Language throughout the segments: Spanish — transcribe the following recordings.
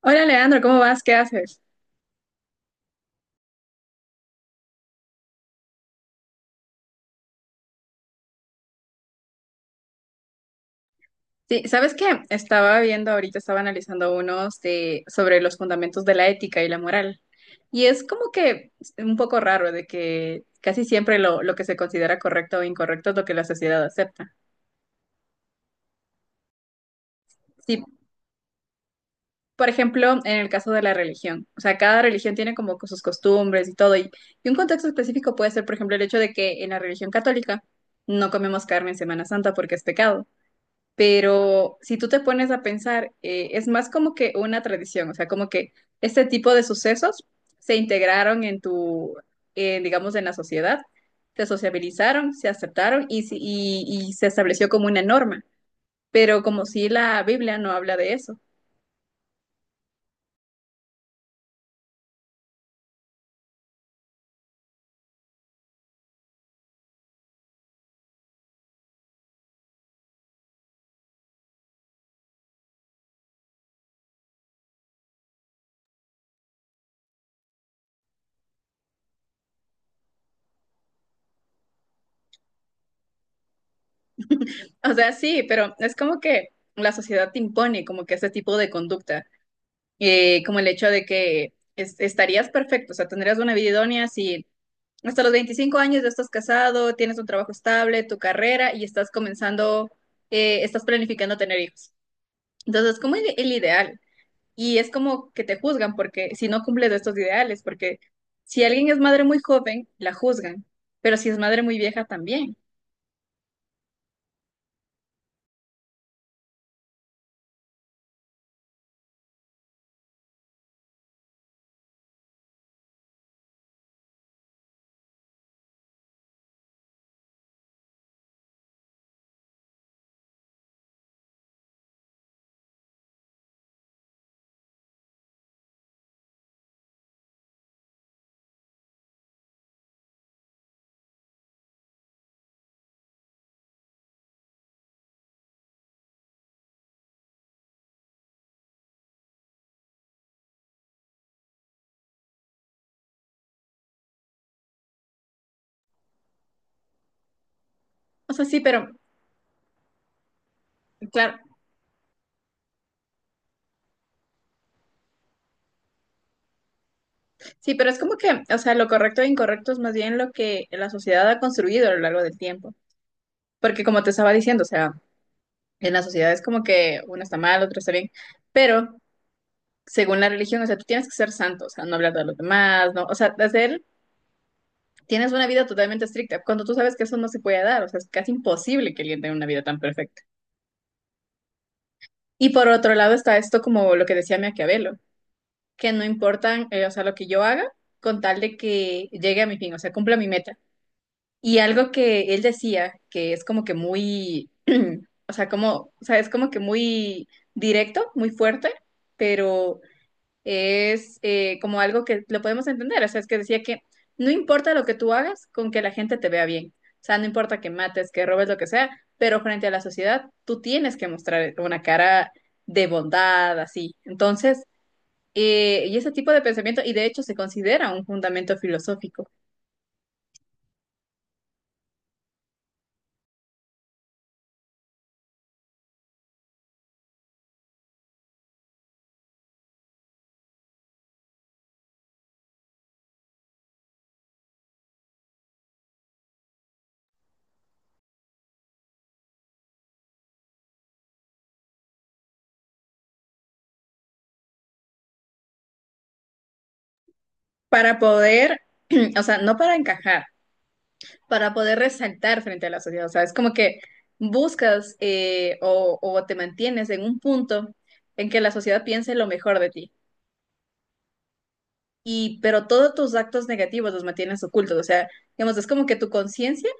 Hola Leandro, ¿cómo vas? ¿Qué haces? Sí, ¿sabes qué? Estaba viendo ahorita, estaba analizando unos de, sobre los fundamentos de la ética y la moral. Y es como que un poco raro de que casi siempre lo que se considera correcto o incorrecto es lo que la sociedad acepta. Sí, por ejemplo, en el caso de la religión, o sea, cada religión tiene como sus costumbres y todo. Y un contexto específico puede ser, por ejemplo, el hecho de que en la religión católica no comemos carne en Semana Santa porque es pecado. Pero si tú te pones a pensar, es más como que una tradición, o sea, como que este tipo de sucesos se integraron en tu, digamos, en la sociedad, se sociabilizaron, se aceptaron y, se estableció como una norma. Pero como si la Biblia no habla de eso. O sea, sí, pero es como que la sociedad te impone como que ese tipo de conducta, como el hecho de que estarías perfecto, o sea, tendrías una vida idónea si hasta los 25 años ya estás casado, tienes un trabajo estable, tu carrera y estás comenzando, estás planificando tener hijos. Entonces, es como el ideal. Y es como que te juzgan porque si no cumples estos ideales, porque si alguien es madre muy joven, la juzgan, pero si es madre muy vieja también. O sea, sí, pero claro, sí, pero es como que, o sea, lo correcto e incorrecto es más bien lo que la sociedad ha construido a lo largo del tiempo. Porque como te estaba diciendo, o sea, en la sociedad es como que uno está mal, otro está bien, pero según la religión, o sea, tú tienes que ser santo, o sea, no hablar de los demás, ¿no? O sea, hacer, tienes una vida totalmente estricta, cuando tú sabes que eso no se puede dar, o sea, es casi imposible que alguien tenga una vida tan perfecta. Y por otro lado está esto como lo que decía Maquiavelo, que no importan, o sea, lo que yo haga, con tal de que llegue a mi fin, o sea, cumpla mi meta. Y algo que él decía, que es como que muy, o sea, como, o sea, es como que muy directo, muy fuerte, pero es como algo que lo podemos entender. O sea, es que decía que no importa lo que tú hagas, con que la gente te vea bien. O sea, no importa que mates, que robes, lo que sea, pero frente a la sociedad tú tienes que mostrar una cara de bondad, así. Entonces, y ese tipo de pensamiento, y de hecho se considera un fundamento filosófico para poder, o sea, no para encajar, para poder resaltar frente a la sociedad. O sea, es como que buscas o te mantienes en un punto en que la sociedad piense lo mejor de ti. Y, pero todos tus actos negativos los mantienes ocultos. O sea, digamos, es como que tu conciencia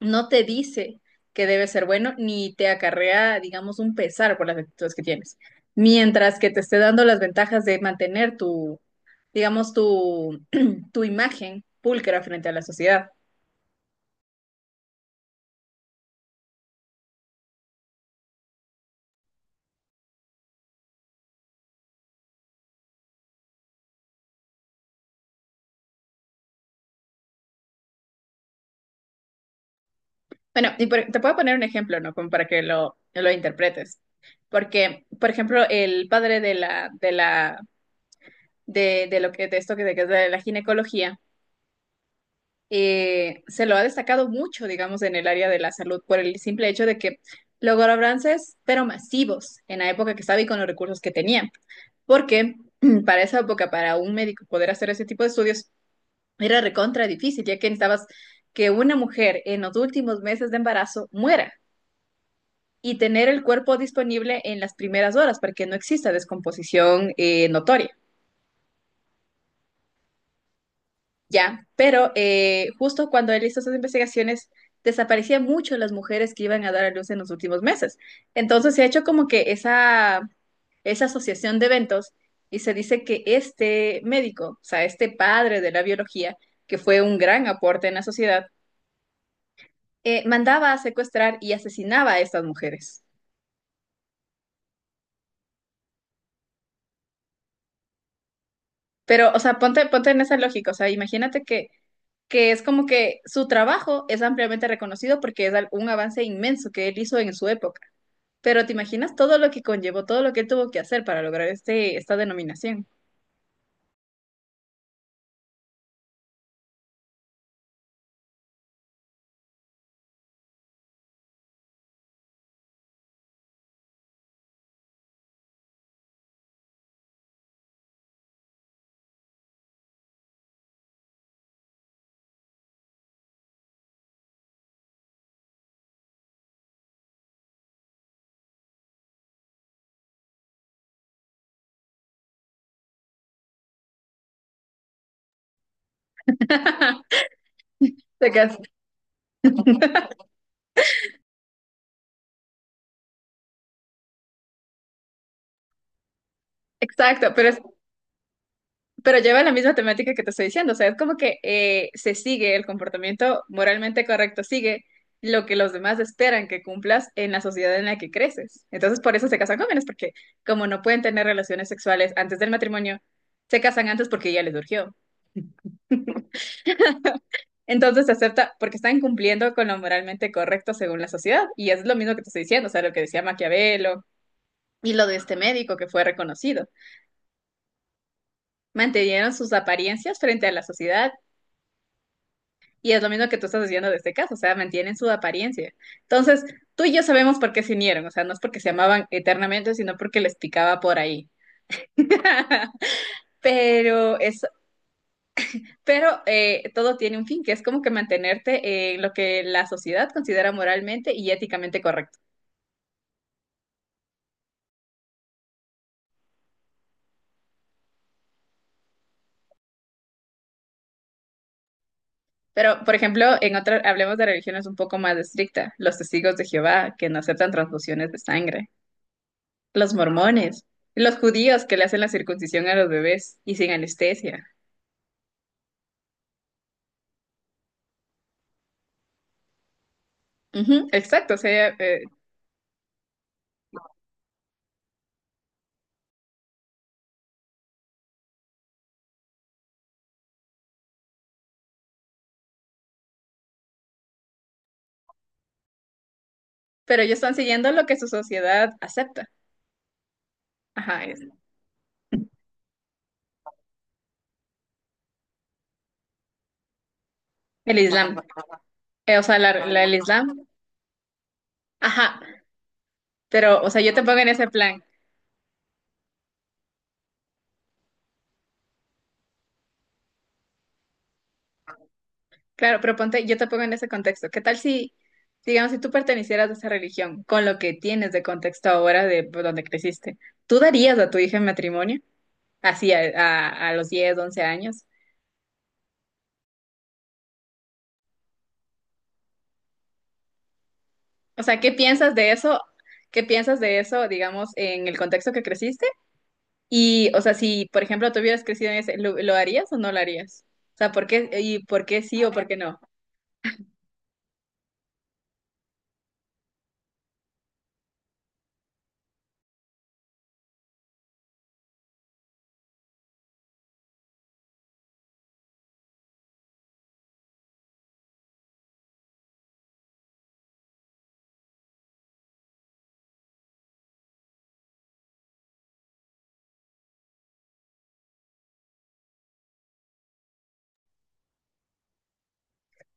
no te dice que debe ser bueno ni te acarrea, digamos, un pesar por las actitudes que tienes. Mientras que te esté dando las ventajas de mantener tu, digamos, tu, tu imagen pulcra frente a la sociedad. Bueno, y te puedo poner un ejemplo, ¿no? Como para que lo interpretes. Porque, por ejemplo, el padre de la, de lo que, de esto que de, que es de la ginecología, se lo ha destacado mucho, digamos, en el área de la salud, por el simple hecho de que logró avances, pero masivos, en la época que estaba y con los recursos que tenía. Porque para esa época, para un médico poder hacer ese tipo de estudios, era recontra difícil, ya que necesitabas que una mujer en los últimos meses de embarazo muera y tener el cuerpo disponible en las primeras horas para que no exista descomposición notoria, ¿ya? Pero justo cuando él hizo esas investigaciones, desaparecían mucho las mujeres que iban a dar a luz en los últimos meses. Entonces se ha hecho como que esa asociación de eventos y se dice que este médico, o sea, este padre de la biología, que fue un gran aporte en la sociedad, mandaba a secuestrar y asesinaba a estas mujeres. Pero, o sea, ponte en esa lógica, o sea, imagínate que, es como que su trabajo es ampliamente reconocido porque es un avance inmenso que él hizo en su época. Pero te imaginas todo lo que conllevó, todo lo que él tuvo que hacer para lograr este, esta denominación. Te quedas- Exacto, pero es, Pero lleva la misma temática que te estoy diciendo, o sea, es como que se sigue el comportamiento moralmente correcto, sigue lo que los demás esperan que cumplas en la sociedad en la que creces. Entonces, por eso se casan jóvenes, porque como no pueden tener relaciones sexuales antes del matrimonio, se casan antes porque ya les surgió. Entonces se acepta porque están cumpliendo con lo moralmente correcto según la sociedad. Y es lo mismo que te estoy diciendo, o sea, lo que decía Maquiavelo y lo de este médico que fue reconocido. Mantenieron sus apariencias frente a la sociedad. Y es lo mismo que tú estás diciendo de este caso, o sea, mantienen su apariencia. Entonces, tú y yo sabemos por qué se unieron, o sea, no es porque se amaban eternamente, sino porque les picaba por ahí. Pero es, pero todo tiene un fin, que es como que mantenerte en lo que la sociedad considera moralmente y éticamente correcto. Pero, por ejemplo, en otra, hablemos de religiones un poco más estrictas, los testigos de Jehová, que no aceptan transfusiones de sangre, los mormones, los judíos que le hacen la circuncisión a los bebés y sin anestesia. Ujú, exacto, o sea, pero ellos están siguiendo lo que su sociedad acepta. Ajá, es el Islam. O sea, el Islam. Ajá, pero, o sea, yo te pongo en ese plan. Claro, pero ponte, yo te pongo en ese contexto. ¿Qué tal si, digamos, si tú pertenecieras a esa religión, con lo que tienes de contexto ahora de pues, donde creciste, ¿tú darías a tu hija en matrimonio? Así, a los 10 11 años. O sea, ¿qué piensas de eso? ¿Qué piensas de eso, digamos, en el contexto que creciste? Y, o sea, si, por ejemplo, tú hubieras crecido en ese, ¿lo harías o no lo harías? O sea, ¿por qué, y por qué sí o por qué no?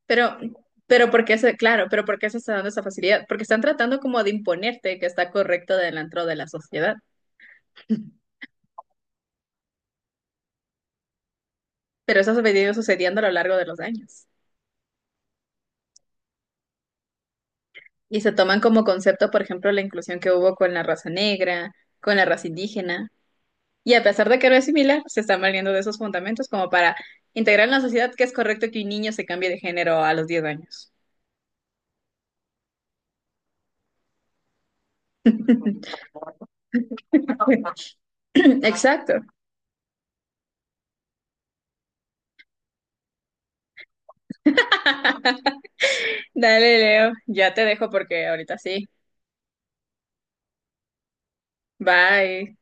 Pero, pero porque se, claro, pero ¿por qué se está dando esa facilidad? Porque están tratando como de imponerte que está correcto dentro de la sociedad. Pero eso ha venido sucediendo a lo largo de los años. Y se toman como concepto, por ejemplo, la inclusión que hubo con la raza negra, con la raza indígena. Y a pesar de que no es similar, se están valiendo de esos fundamentos como para integrar en la sociedad que es correcto que un niño se cambie de género a los diez años. Exacto. Dale, Leo, ya te dejo porque ahorita sí. Bye.